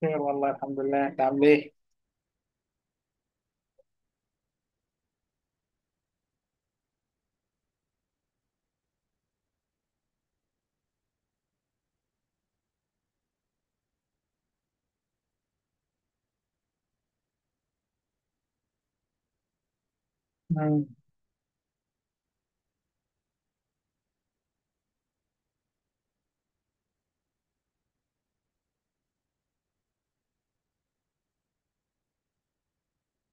خير والله، الحمد لله، انت عامل ايه؟ مم.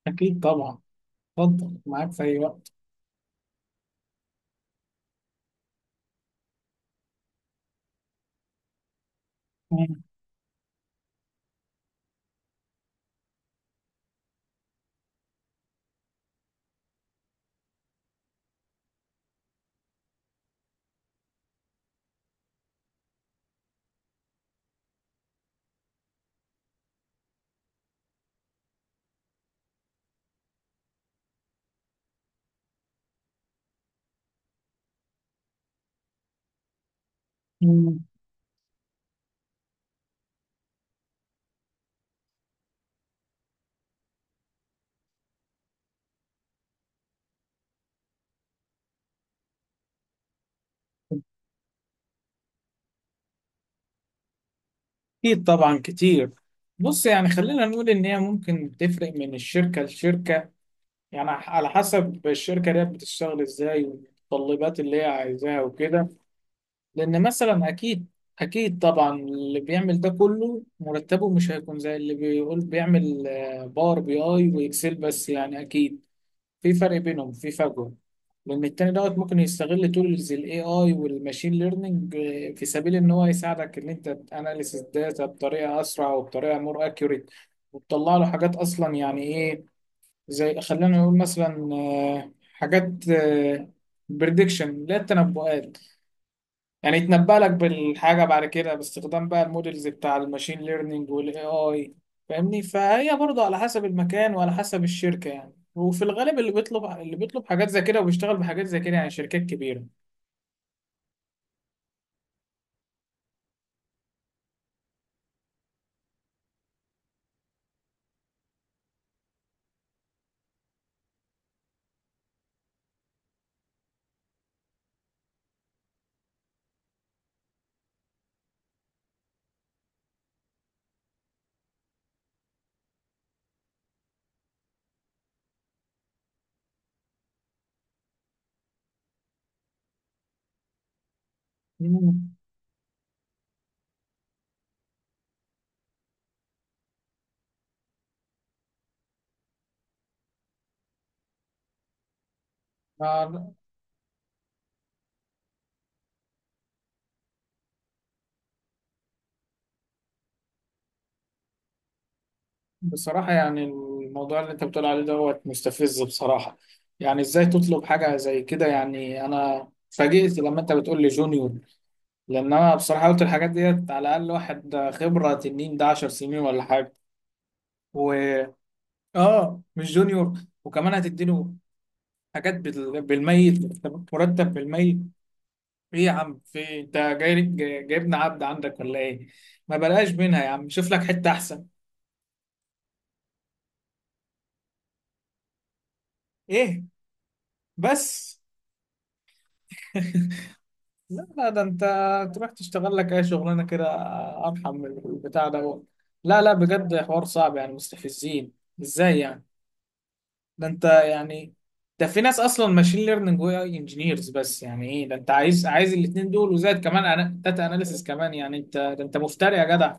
اكيد طبعا، اتفضل معاك في اي وقت. مم. مم. اكيد طبعا كتير. بص يعني خلينا نقول ان هي ممكن تفرق من الشركه لشركه، يعني على حسب الشركه دي بتشتغل ازاي والمتطلبات اللي هي عايزاها وكده. لان مثلا اكيد اكيد طبعا اللي بيعمل ده كله مرتبه مش هيكون زي اللي بيقول بيعمل باور بي اي واكسل بس، يعني اكيد في فرق بينهم، في فجوه. لان التاني دوت ممكن يستغل تولز الاي اي والماشين ليرنينج في سبيل ان هو يساعدك ان انت تاناليس الداتا بطريقه اسرع وبطريقه مور اكيوريت، وتطلع له حاجات اصلا يعني ايه، زي خلينا نقول مثلا حاجات بريدكشن، لا التنبؤات، يعني يتنبأ لك بالحاجة بعد كده باستخدام بقى المودلز بتاع الماشين ليرنينج والاي اي. فاهمني؟ فهي برضه على حسب المكان وعلى حسب الشركة يعني، وفي الغالب اللي بيطلب اللي بيطلب حاجات زي كده وبيشتغل بحاجات زي كده، يعني شركات كبيرة. مم. ما- بصراحة يعني الموضوع اللي انت بتقول عليه دوت مستفز بصراحة. يعني ازاي تطلب حاجة زي كده؟ يعني انا فاجئت لما انت بتقول لي جونيور. لان انا بصراحة قلت الحاجات ديت على الاقل واحد خبرة تنين، ده 10 سنين ولا حاجة و... اه مش جونيور. وكمان هتديله حاجات بالميت، مرتب بالميت. ايه يا عم؟ في انت جايبنا عبد عندك ولا ايه؟ ما بلاش منها يا عم، شوف لك حتة احسن. ايه بس. لا لا ده انت تروح تشتغل لك اي شغلانه كده ارحم من البتاع ده. لا لا بجد حوار صعب يعني، مستفزين. ازاي يعني؟ ده انت يعني، ده في ناس اصلا ماشين ليرنينج واي انجينيرز بس، يعني ايه ده، انت عايز الاثنين دول وزائد كمان داتا اناليسيس كمان؟ يعني انت ده، انت مفتري يا جدع.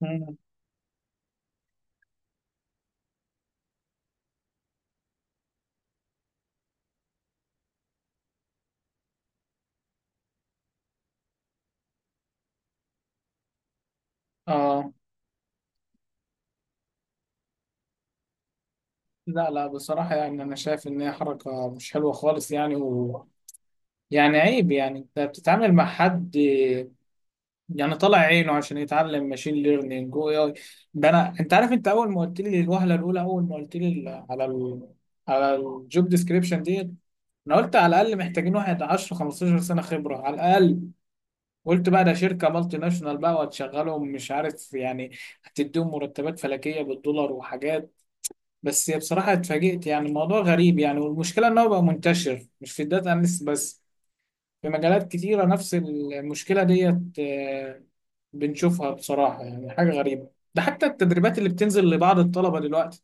مم. اه. لا لا بصراحة يعني انا شايف ان هي حركة مش حلوة خالص يعني يعني عيب، يعني انت بتتعامل مع حد يعني طالع عينه عشان يتعلم ماشين ليرنينج واي اي. ده انا، انت عارف، انت اول ما قلت لي الوهله الاولى، اول ما قلت لي على الجوب ديسكريبشن ديت، انا قلت على الاقل محتاجين واحد 10 15 سنه خبره على الاقل. قلت بقى ده شركه مالتي ناشونال بقى وهتشغلهم مش عارف يعني هتديهم مرتبات فلكيه بالدولار وحاجات، بس بصراحه اتفاجئت يعني. الموضوع غريب يعني، والمشكله ان هو بقى منتشر مش في الداتا اناليست بس، في مجالات كتيرة نفس المشكلة ديت بنشوفها بصراحة. يعني حاجة غريبة، ده حتى التدريبات اللي بتنزل لبعض الطلبة دلوقتي.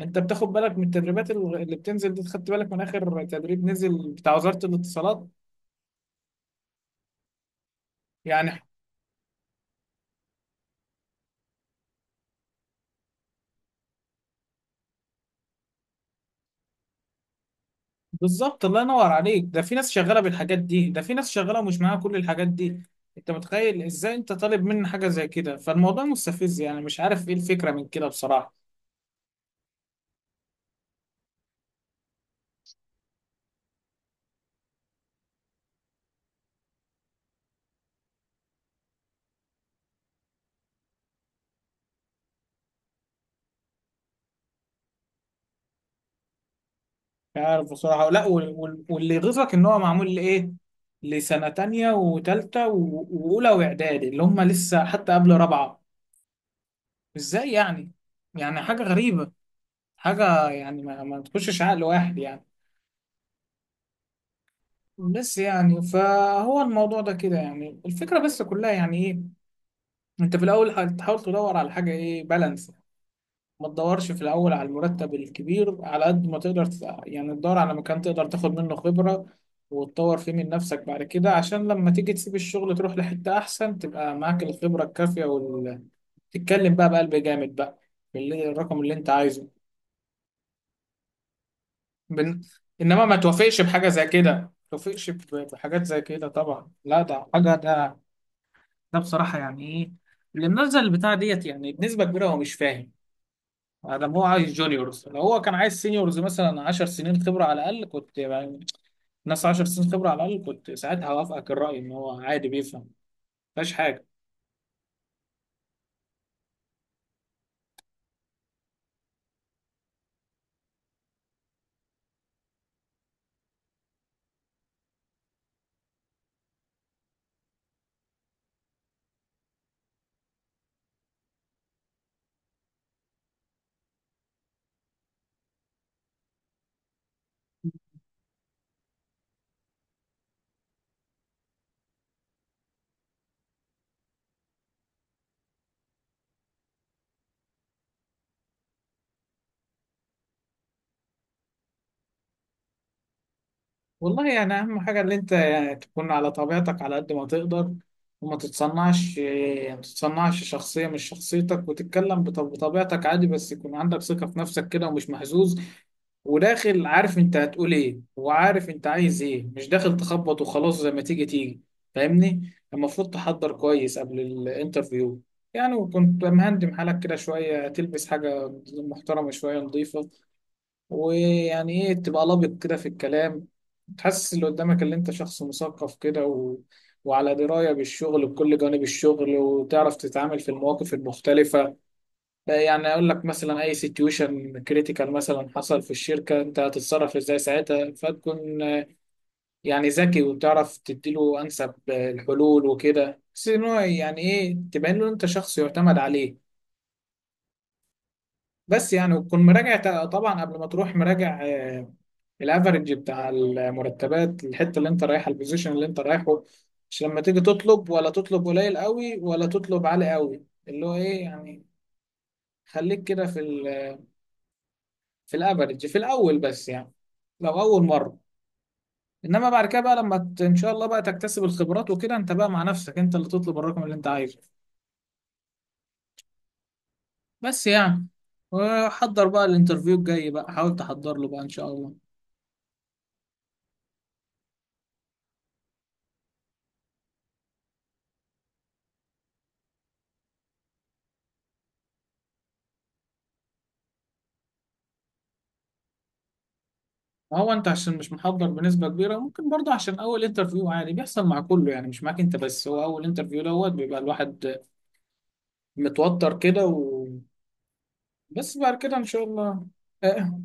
انت بتاخد بالك من التدريبات اللي بتنزل دي؟ خدت بالك من اخر تدريب نزل بتاع وزارة الاتصالات؟ يعني بالظبط، الله ينور عليك، ده في ناس شغالة بالحاجات دي، ده في ناس شغالة ومش معاها كل الحاجات دي. انت متخيل ازاي انت طالب مني حاجة زي كده؟ فالموضوع مستفز يعني، مش عارف ايه الفكرة من كده بصراحة. مش عارف بصراحة. لا واللي يغيظك ان هو معمول لإيه؟ لسنة تانية وتالتة وأولى وإعدادي اللي هم لسه حتى قبل رابعة. إزاي يعني؟ يعني حاجة غريبة، حاجة يعني ما تخشش عقل واحد يعني. بس يعني فهو الموضوع ده كده يعني. الفكرة بس كلها يعني إيه، أنت في الأول هتحاول تدور على حاجة إيه، بالانس. ما تدورش في الأول على المرتب الكبير، على قد ما تقدر يعني تدور على مكان تقدر تاخد منه خبرة وتطور فيه من نفسك، بعد كده عشان لما تيجي تسيب الشغل تروح لحتة أحسن تبقى معاك الخبرة الكافية تتكلم بقى بقلب جامد بقى الرقم اللي أنت عايزه. بن... إنما ما توافقش بحاجة زي كده، ما توافقش بحاجات زي كده طبعا. لا ده حاجة ده، ده بصراحة يعني إيه، اللي منزل البتاع ديت يعني بنسبة كبيرة هو مش فاهم ادم. هو عايز جونيورز، لو هو كان عايز سينيورز مثلا 10 سنين خبره على الاقل، كنت يعني ناس 10 سنين خبره على الاقل، كنت ساعتها هوافقك الراي ان هو عادي بيفهم، مفيهاش حاجه. والله يعني اهم حاجه ان انت يعني تكون على طبيعتك على قد ما تقدر، وما تتصنعش. ما تتصنعش شخصيه مش شخصيتك، وتتكلم بطبيعتك عادي، بس يكون عندك ثقه في نفسك كده ومش مهزوز، وداخل عارف انت هتقول ايه وعارف انت عايز ايه، مش داخل تخبط وخلاص زي ما تيجي تيجي. فاهمني؟ المفروض تحضر كويس قبل الانترفيو يعني. وكنت مهندم حالك كده شوية، تلبس حاجة محترمة شوية نظيفة، ويعني ايه، تبقى لابق كده في الكلام، تحسس اللي قدامك اللي انت شخص مثقف كده وعلى دراية بالشغل بكل جوانب الشغل، وتعرف تتعامل في المواقف المختلفة. يعني اقول لك مثلا اي سيتويشن كريتيكال مثلا حصل في الشركه انت هتتصرف ازاي ساعتها، فتكون يعني ذكي، وتعرف تديله انسب الحلول وكده. بس ان هو يعني ايه، تبين له انت شخص يعتمد عليه. بس يعني وتكون مراجع طبعا قبل ما تروح، مراجع الافرج بتاع المرتبات، الحته اللي انت رايحها، البوزيشن اللي انت رايحه. مش لما تيجي تطلب ولا تطلب قليل قوي ولا تطلب عالي قوي، اللي هو ايه يعني، خليك كده في ال في الافرج في الاول بس، يعني لو اول مره. انما بعد كده بقى ان شاء الله بقى تكتسب الخبرات وكده، انت بقى مع نفسك، انت اللي تطلب الرقم اللي انت عايزه. بس يعني وحضر بقى الانترفيو الجاي بقى، حاول تحضر له بقى ان شاء الله. ما هو انت عشان مش محضر بنسبه كبيره، ممكن برضه عشان اول انترفيو عادي بيحصل مع كله يعني، مش معاك انت بس، هو اول انترفيو دوت بيبقى الواحد متوتر كده بس بعد كده ان شاء الله. آه.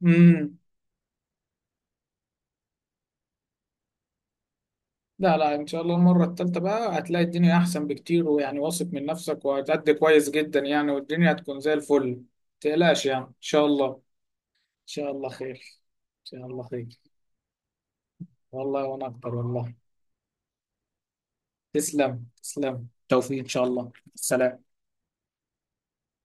مم. لا لا ان شاء الله المره الثالثه بقى هتلاقي الدنيا احسن بكتير، ويعني واثق من نفسك وهتأدي كويس جدا يعني، والدنيا هتكون زي الفل. متقلقش يعني، ان شاء الله، ان شاء الله خير، ان شاء الله خير. والله وانا اكتر والله. تسلم تسلم، توفيق ان شاء الله، سلام.